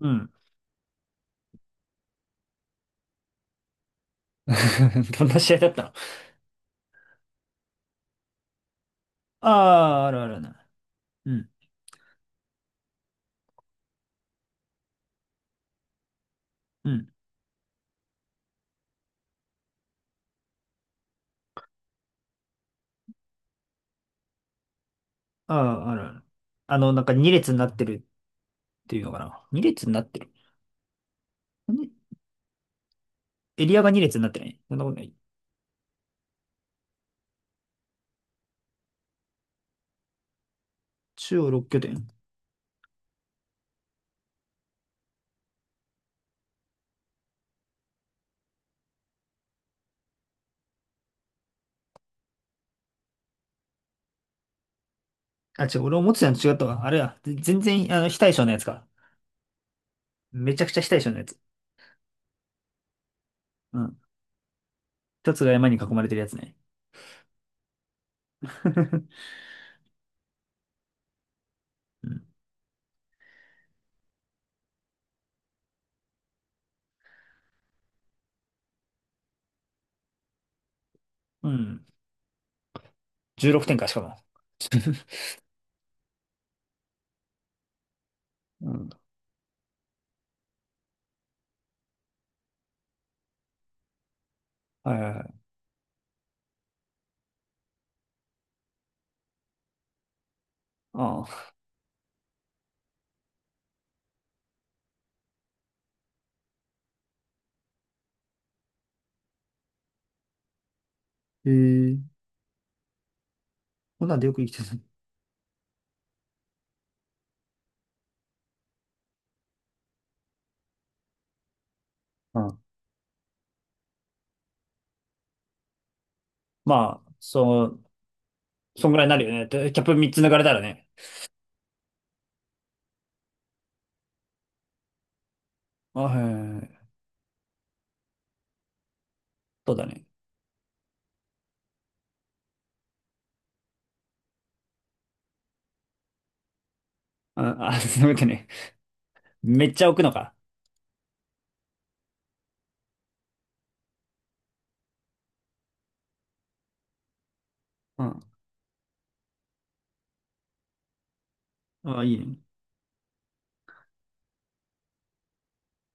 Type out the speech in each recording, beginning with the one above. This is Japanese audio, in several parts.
うん。どんな試合だったの？ああ、あるあるな。うん、うん。ああ、あるある。あの、なんか2列になってるっていうのかな。2列になってる。にエリアが2列になってない？そんなことない。中央6拠点。あ、違う、俺思ってたの違ったわ。あれや、全然、あの、非対称のやつか。めちゃくちゃ非対称のやつ。うん。一つが山に囲まれてるやつね。うん。うん。16点か、しかも。うん。はいはいはい。ああ。へえ。こんなんでよく生きてる。うん。まあ、そう、そんぐらいになるよね。でキャップ3つ抜かれたらね。あ、へえ。そうだね。あ、あ、そういうことね。めっちゃ置くのか。うん。あ、いいね。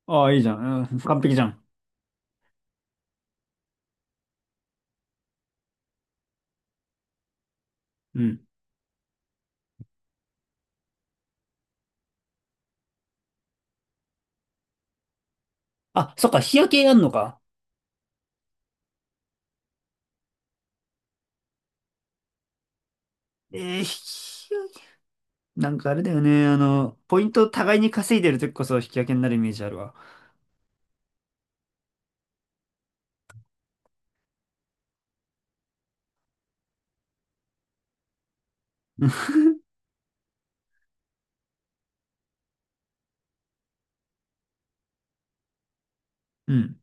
あ、いいじゃん。うん、完璧じゃん。うん。あ、そっか、日焼けやんのか。えー、日焼け。なんかあれだよね。あの、ポイントを互いに稼いでる時こそ日焼けになるイメージあるわ。うん。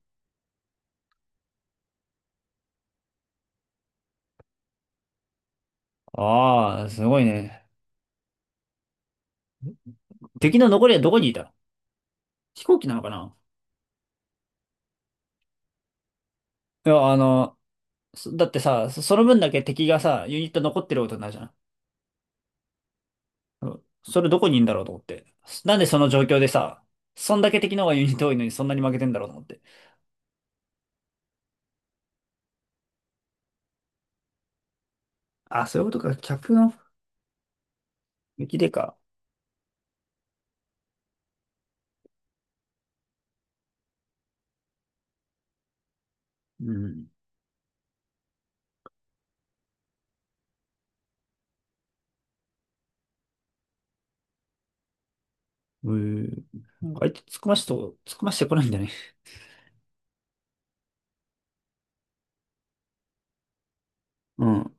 ああ、すごいね。敵の残りはどこにいたの？飛行機なのかな？いや、あの、そだってさ、そその分だけ敵がさ、ユニット残ってることになるじゃん。それどこにいんだろうと思って。なんでその状況でさ、そんだけ敵の方がユニット多いのにそんなに負けてんだろうと思って。あ、そういうことか。客の向きでか。うん。うん。なんか相手突っ込ましてと、突っ込ましてこないんだね。うん。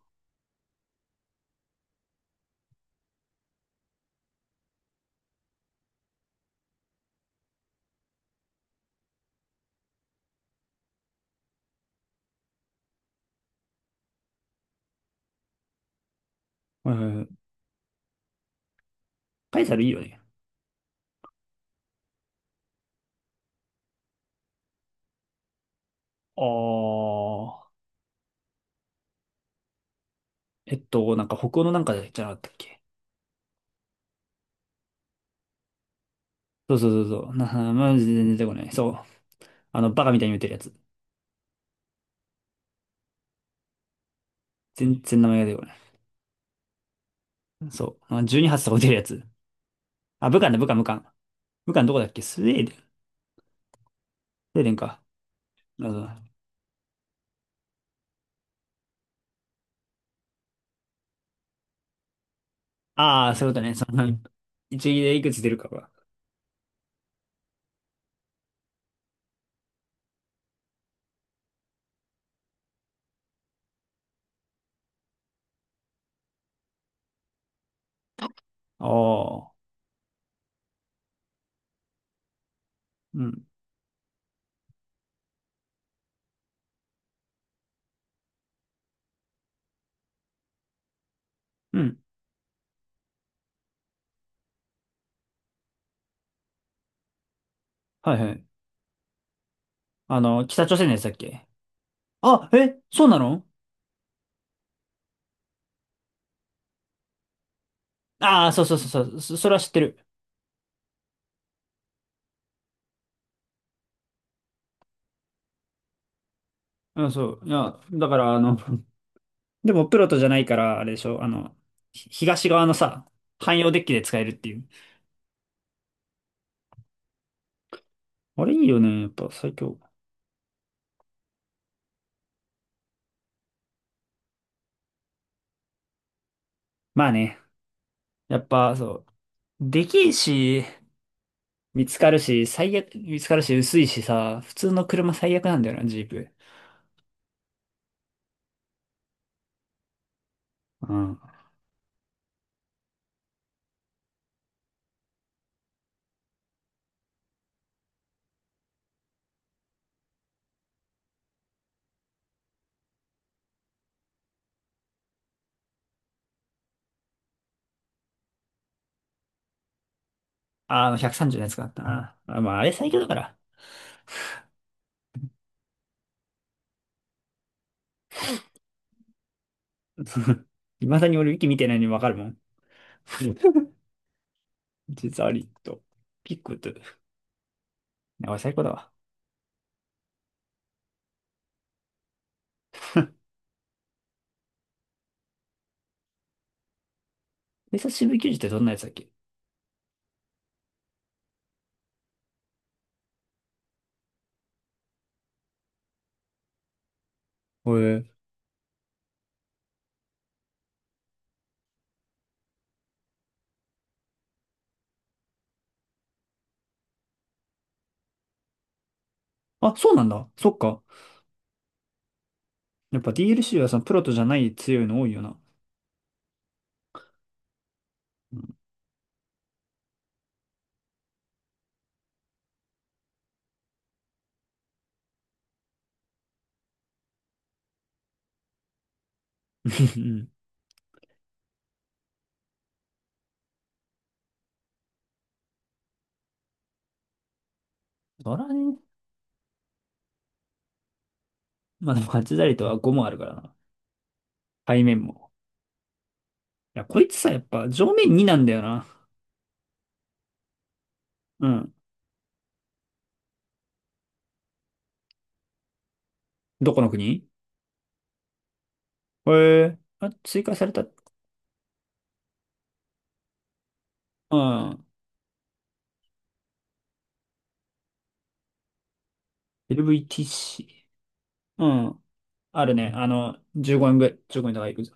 うん。パイサルいいよね。あー。なんか北欧のなんかじゃなかったっけ？そうそうそうそう。な、まあ、全然出てこない。そう。あの、バカみたいに打てるやつ。全然名前が出てこない。そう。あ、12発とか打てるやつ。あ、武漢だ、武漢、武漢。武漢どこだっけ？スウェーデン。スウェーデンか。あそうん。ああ、そういうことね。その、一撃でいくつ出るかが。ああ、うん。うん。はいはい。あの、北朝鮮のやつだっけ？あ、え、そうなの？ああ、そうそうそうそう。それは知ってる。うん、そう。いや、だから、あの、でもプロトじゃないから、あれでしょ、あの、東側のさ、汎用デッキで使えるっていう。あれいいよね。やっぱ最強。まあね。やっぱ、そう。できるし、見つかるし、最悪、見つかるし、薄いしさ、普通の車最悪なんだよな、ジープ。うん。あの、130のやつがあったな。あ、まあ、あれ最強だから。いまだに俺、ウィキ見てないのにわかるもん。実はリット。ピックと。やばい、最高だわ。偵察支部球児ってどんなやつだっけ？へえ。あ、そうなんだ。そっか。やっぱ DLC はそのプロとじゃない強いの多いよな。うん。うん、そらね。まあでもハチザリとは5もあるからな。背面も。いや、こいつさ、やっぱ上面2なんだよな。うん。どこの国？へえ。あ、追加された。うん。LVTC。うん。あるね。あの、15円ぐらい、15円とかいくぞ。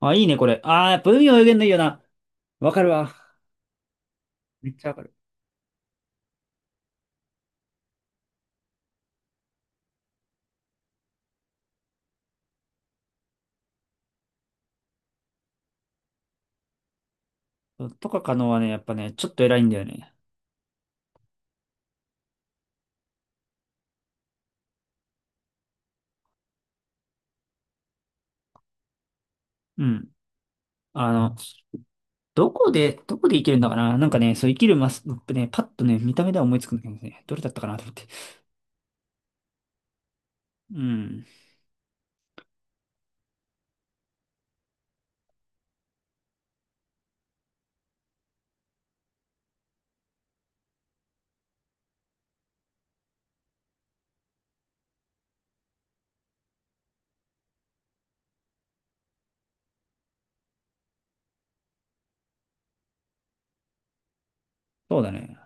あ、いいね、これ。あー、分泳げ限のいいよな。わかるわ。めっちゃわかる。とか可能はね、やっぱね、ちょっと偉いんだよね。うん。あの、どこで生きるんだかな、なんかね、そう生きるマス、ね、パッとね、見た目では思いつくんだけどね、どれだったかなと思って。うん。そうだね。